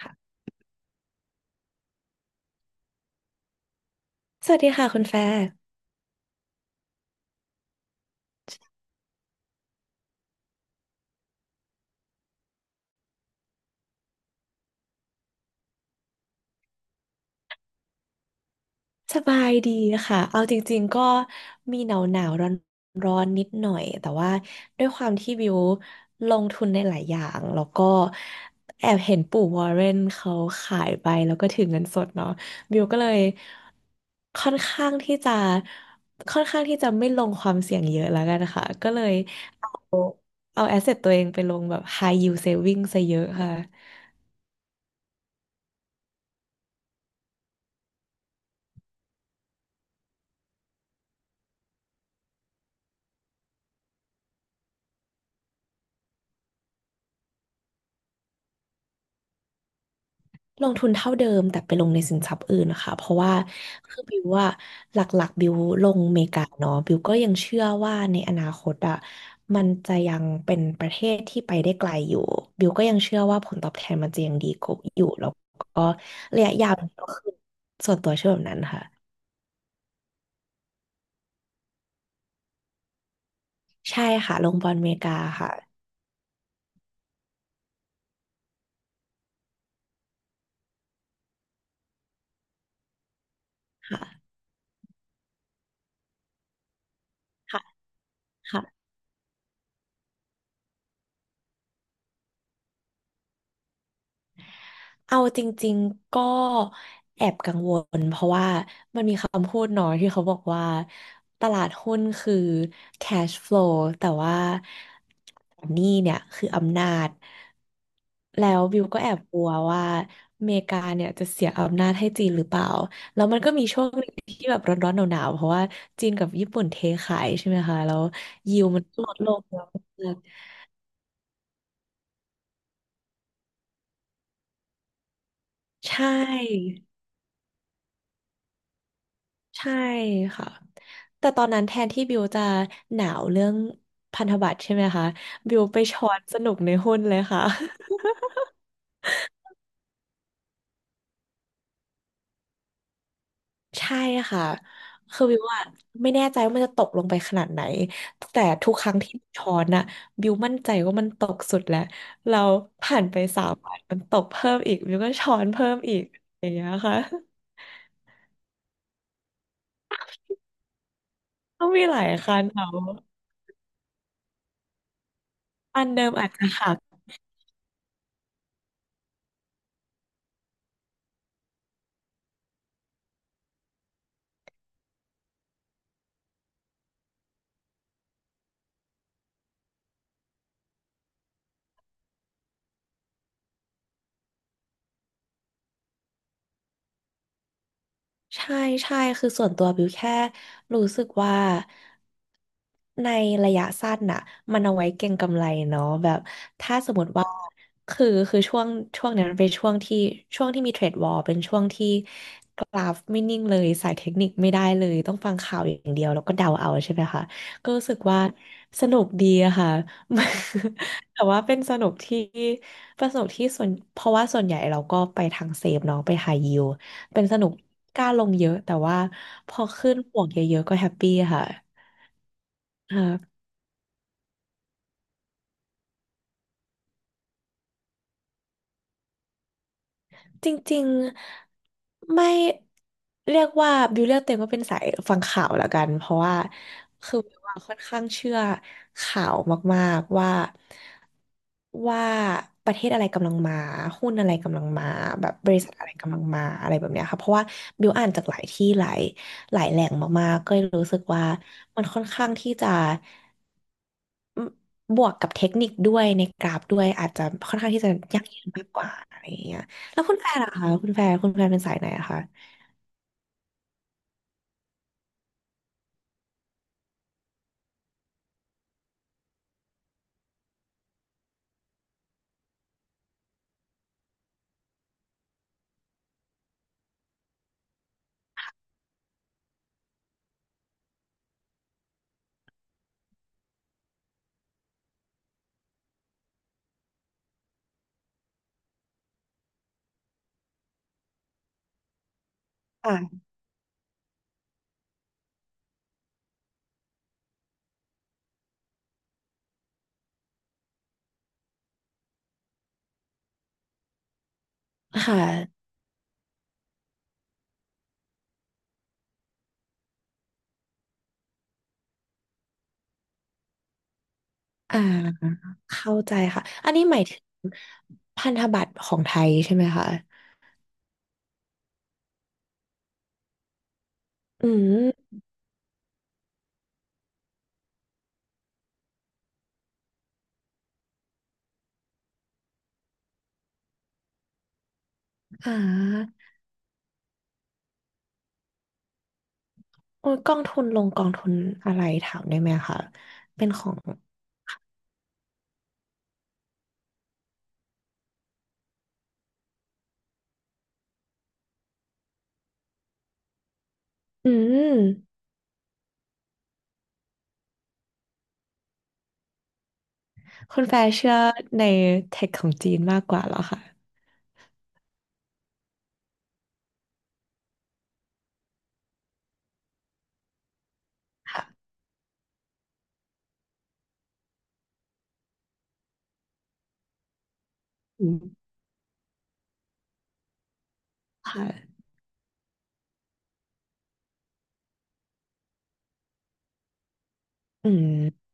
ค่ะสวัสดีค่ะคุณแฟร์สบายดีค่ะเอาจริงๆก็มีหนาวหนาวร้อนร้อนๆนิดหน่อยแต่ว่าด้วยความที่บิวลงทุนในหลายอย่างแล้วก็แอบเห็นปู่วอร์เรนเขาขายไปแล้วก็ถือเงินสดเนาะบิวก็เลยค่อนข้างที่จะค่อนข้างที่จะไม่ลงความเสี่ยงเยอะแล้วกันค่ะก็เลยเอาแอสเซทตัวเองไปลงแบบ high yield saving ซะเยอะค่ะ ลงทุนเท่าเดิมแต่ไปลงในสินทรัพย์อื่นนะคะเพราะว่าคือบิวว่าหลักๆบิวลงอเมริกาเนาะบิวก็ยังเชื่อว่าในอนาคตอ่ะมันจะยังเป็นประเทศที่ไปได้ไกลอยู่บิวก็ยังเชื่อว่าผลตอบแทนมันจะยังดีกว่าอยู่แล้วก็ระยะยาวมันก็คือส่วนตัวเชื่อแบบนั้นค่ะใช่ค่ะลงบอลอเมริกาค่ะค่ะค่ะค่ะ เอาจริงๆ ก็แอบกังวลเพราะว่ามันมีคำพูดเนาะที่เขาบอกว่าตลาดหุ้นคือ cash flow แต่ว่าหนี้เนี่ยคืออำนาจแล้วบิวก็แอบกลัวว่าอเมริกาเนี่ยจะเสียอำนาจให้จีนหรือเปล่าแล้วมันก็มีช่วงหนึ่งที่แบบร้อนๆหนาวๆเพราะว่าจีนกับญี่ปุ่นเทขายใช่ไหมคะแล้วยิวมันก็ลดลงเยอะมากใช่ใช่ค่ะ แต่ตอนนั้นแทนที่บิวจะหนาวเรื่องพันธบัตรใช่ไหมคะบิวไปช้อนสนุกในหุ้นเลยค่ะ ใช่ค่ะคือบิวอะไม่แน่ใจว่ามันจะตกลงไปขนาดไหนแต่ทุกครั้งที่ช้อนอะบิวมั่นใจว่ามันตกสุดแล้วเราผ่านไปสามวันมันตกเพิ่มอีกบิวก็ช้อนเพิ่มอีกอย่างเงี้ยค่ะ ต้องมีหลายคันเนาะอันเดิมอาจจะหัก ใช่ใช่คือส่วนตัวบิวแค่รู้สึกว่าในระยะสั้นน่ะมันเอาไว้เก็งกำไรเนาะแบบถ้าสมมติว่าคือช่วงเนี้ยมันเป็นช่วงที่ช่วงที่มีเทรดวอร์เป็นช่วงที่กราฟไม่นิ่งเลยสายเทคนิคไม่ได้เลยต้องฟังข่าวอย่างเดียวแล้วก็เดาเอาใช่ไหมคะ ก็รู้สึกว่าสนุกดีอะค่ะ แต่ว่าเป็นสนุกที่ส่วนเพราะว่าส่วนใหญ่เราก็ไปทางเซฟเนาะไปไฮยิว เป็นสนุกกล้าลงเยอะแต่ว่าพอขึ้นบวกเยอะๆก็แฮปปี้ค่ะครับจริงๆไม่เรียกว่าบิวเรียกเต็มว่าเป็นสายฟังข่าวละกันเพราะว่าคือบิวอะค่อนข้างเชื่อข่าวมากๆว่าประเทศอะไรกำลังมาหุ้นอะไรกำลังมาแบบบริษัทอะไรกำลังมาอะไรแบบเนี้ยค่ะเพราะว่าบิวอ่านจากหลายที่หลายหลายแหล่งมากๆก็เลยรู้สึกว่ามันค่อนข้างที่จะ บวกกับเทคนิคด้วยในกราฟด้วยอาจจะค่อนข้างที่จะยั่งยืนมากกว่าอะไรอย่างเงี้ยแล้วคุณแฟนล่ะคะคุณแฟนเป็นสายไหนอะคะค่ะค่ะอ่าเข้าใจค่ะอันนี้หมายถึงพันธบัตรของไทยใช่ไหมคะอืมอ่าโอ้ยกองทุนลงกองทุนอะไรถามได้ไหมคะเป็นของอืมคุณแฟร์เชื่อในเทคของจีนมากกว่าเหรอคะค่ะอืมค่ะอืม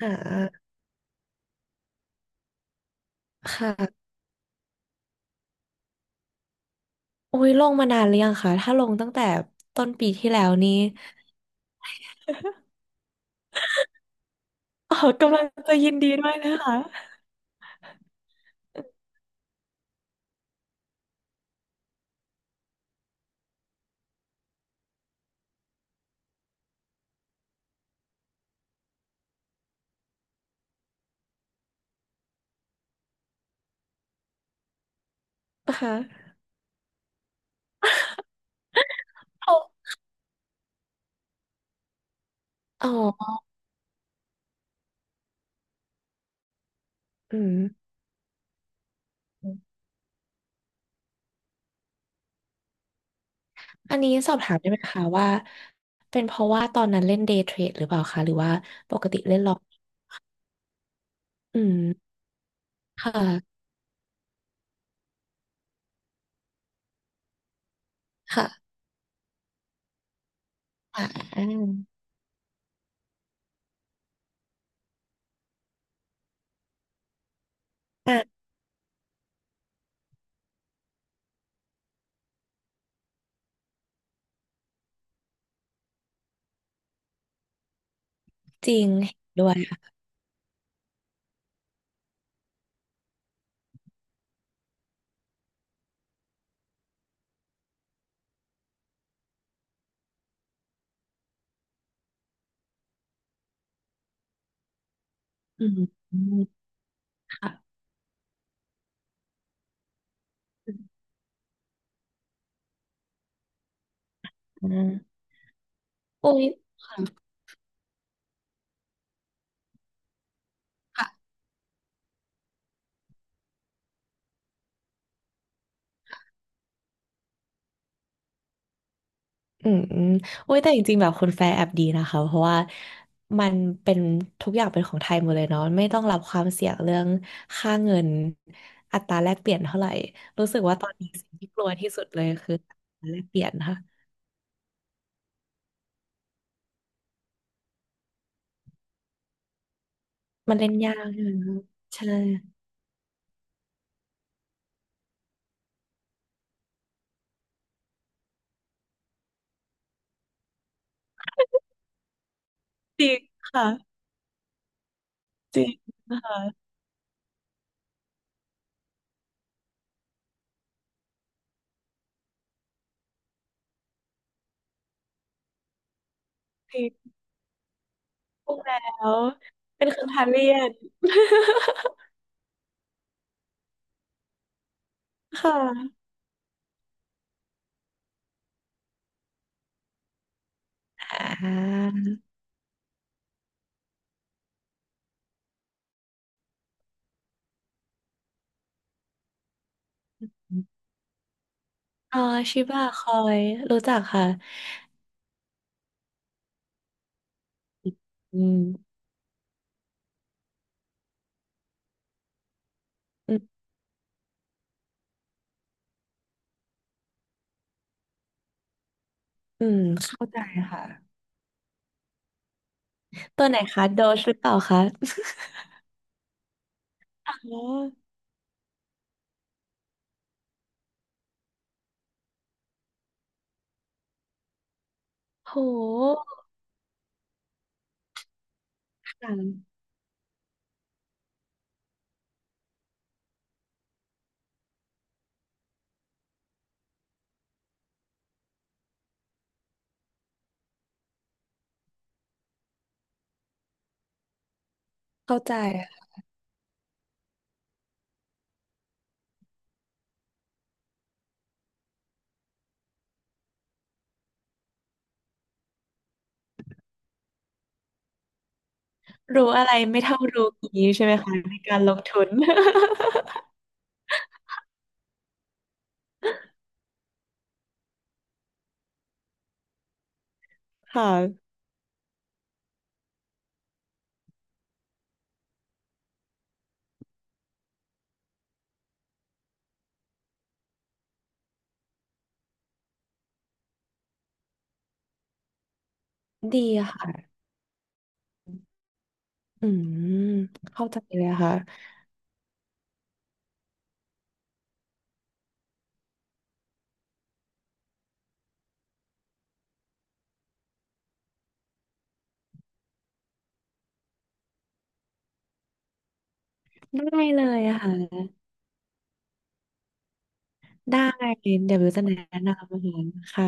อ่าค่ะ โอ้ยลงมานานหรือยังคะถ้าลงตั้งแต่ต้นปีที่แล้วนี้ อ๋อกำลังจะยินดีด้วยนะคะนะคะเอาอ๋ออืมอันนี้สอบถามได้ไหมคะว่าเป็นเพราะว่าตอนนั้นเล่นเดย์เทรดหรือเปล่าคะหรือว่าปกติเล่นล็อกอืมค่ะค่ะอ่ะจริงเห็นด้วยค่ะอืมอืมค่ะอืมโอ้ยค่ะ อืมอืมโอ้ยแต่จริงๆแบบคุณแฟร์แอบดีนะคะเพราะว่ามันเป็นทุกอย่างเป็นของไทยหมดเลยเนาะไม่ต้องรับความเสี่ยงเรื่องค่าเงินอัตราแลกเปลี่ยนเท่าไหร่รู้สึกว่าตอนนี้สิ่งที่กลัวที่สุดเลยคืออัตราแลกเปลี่ยนค่ะมันเล่นยากใช่ไหมคะใช่จริงค่ะจริงค่ะจริงพูดแล้วเป็นคำทานเรียน ค่ะอ่าอ๋อชิบะคอยรู้จักค่ะอืมอืมอืมค่ะ ตัวไหนคะโดชหรือเปล่าคะอ๋อโหค่ะเข้าใจรู้อะไรไม่เท่ารู้ก่งี้ใช่ไหมคะในการลงทุน ค่ะดีค่ะอืมเข้าใจเลยค่ะได้เลยค่ะได้เดี๋ยววิวจะแนะนำนะคะ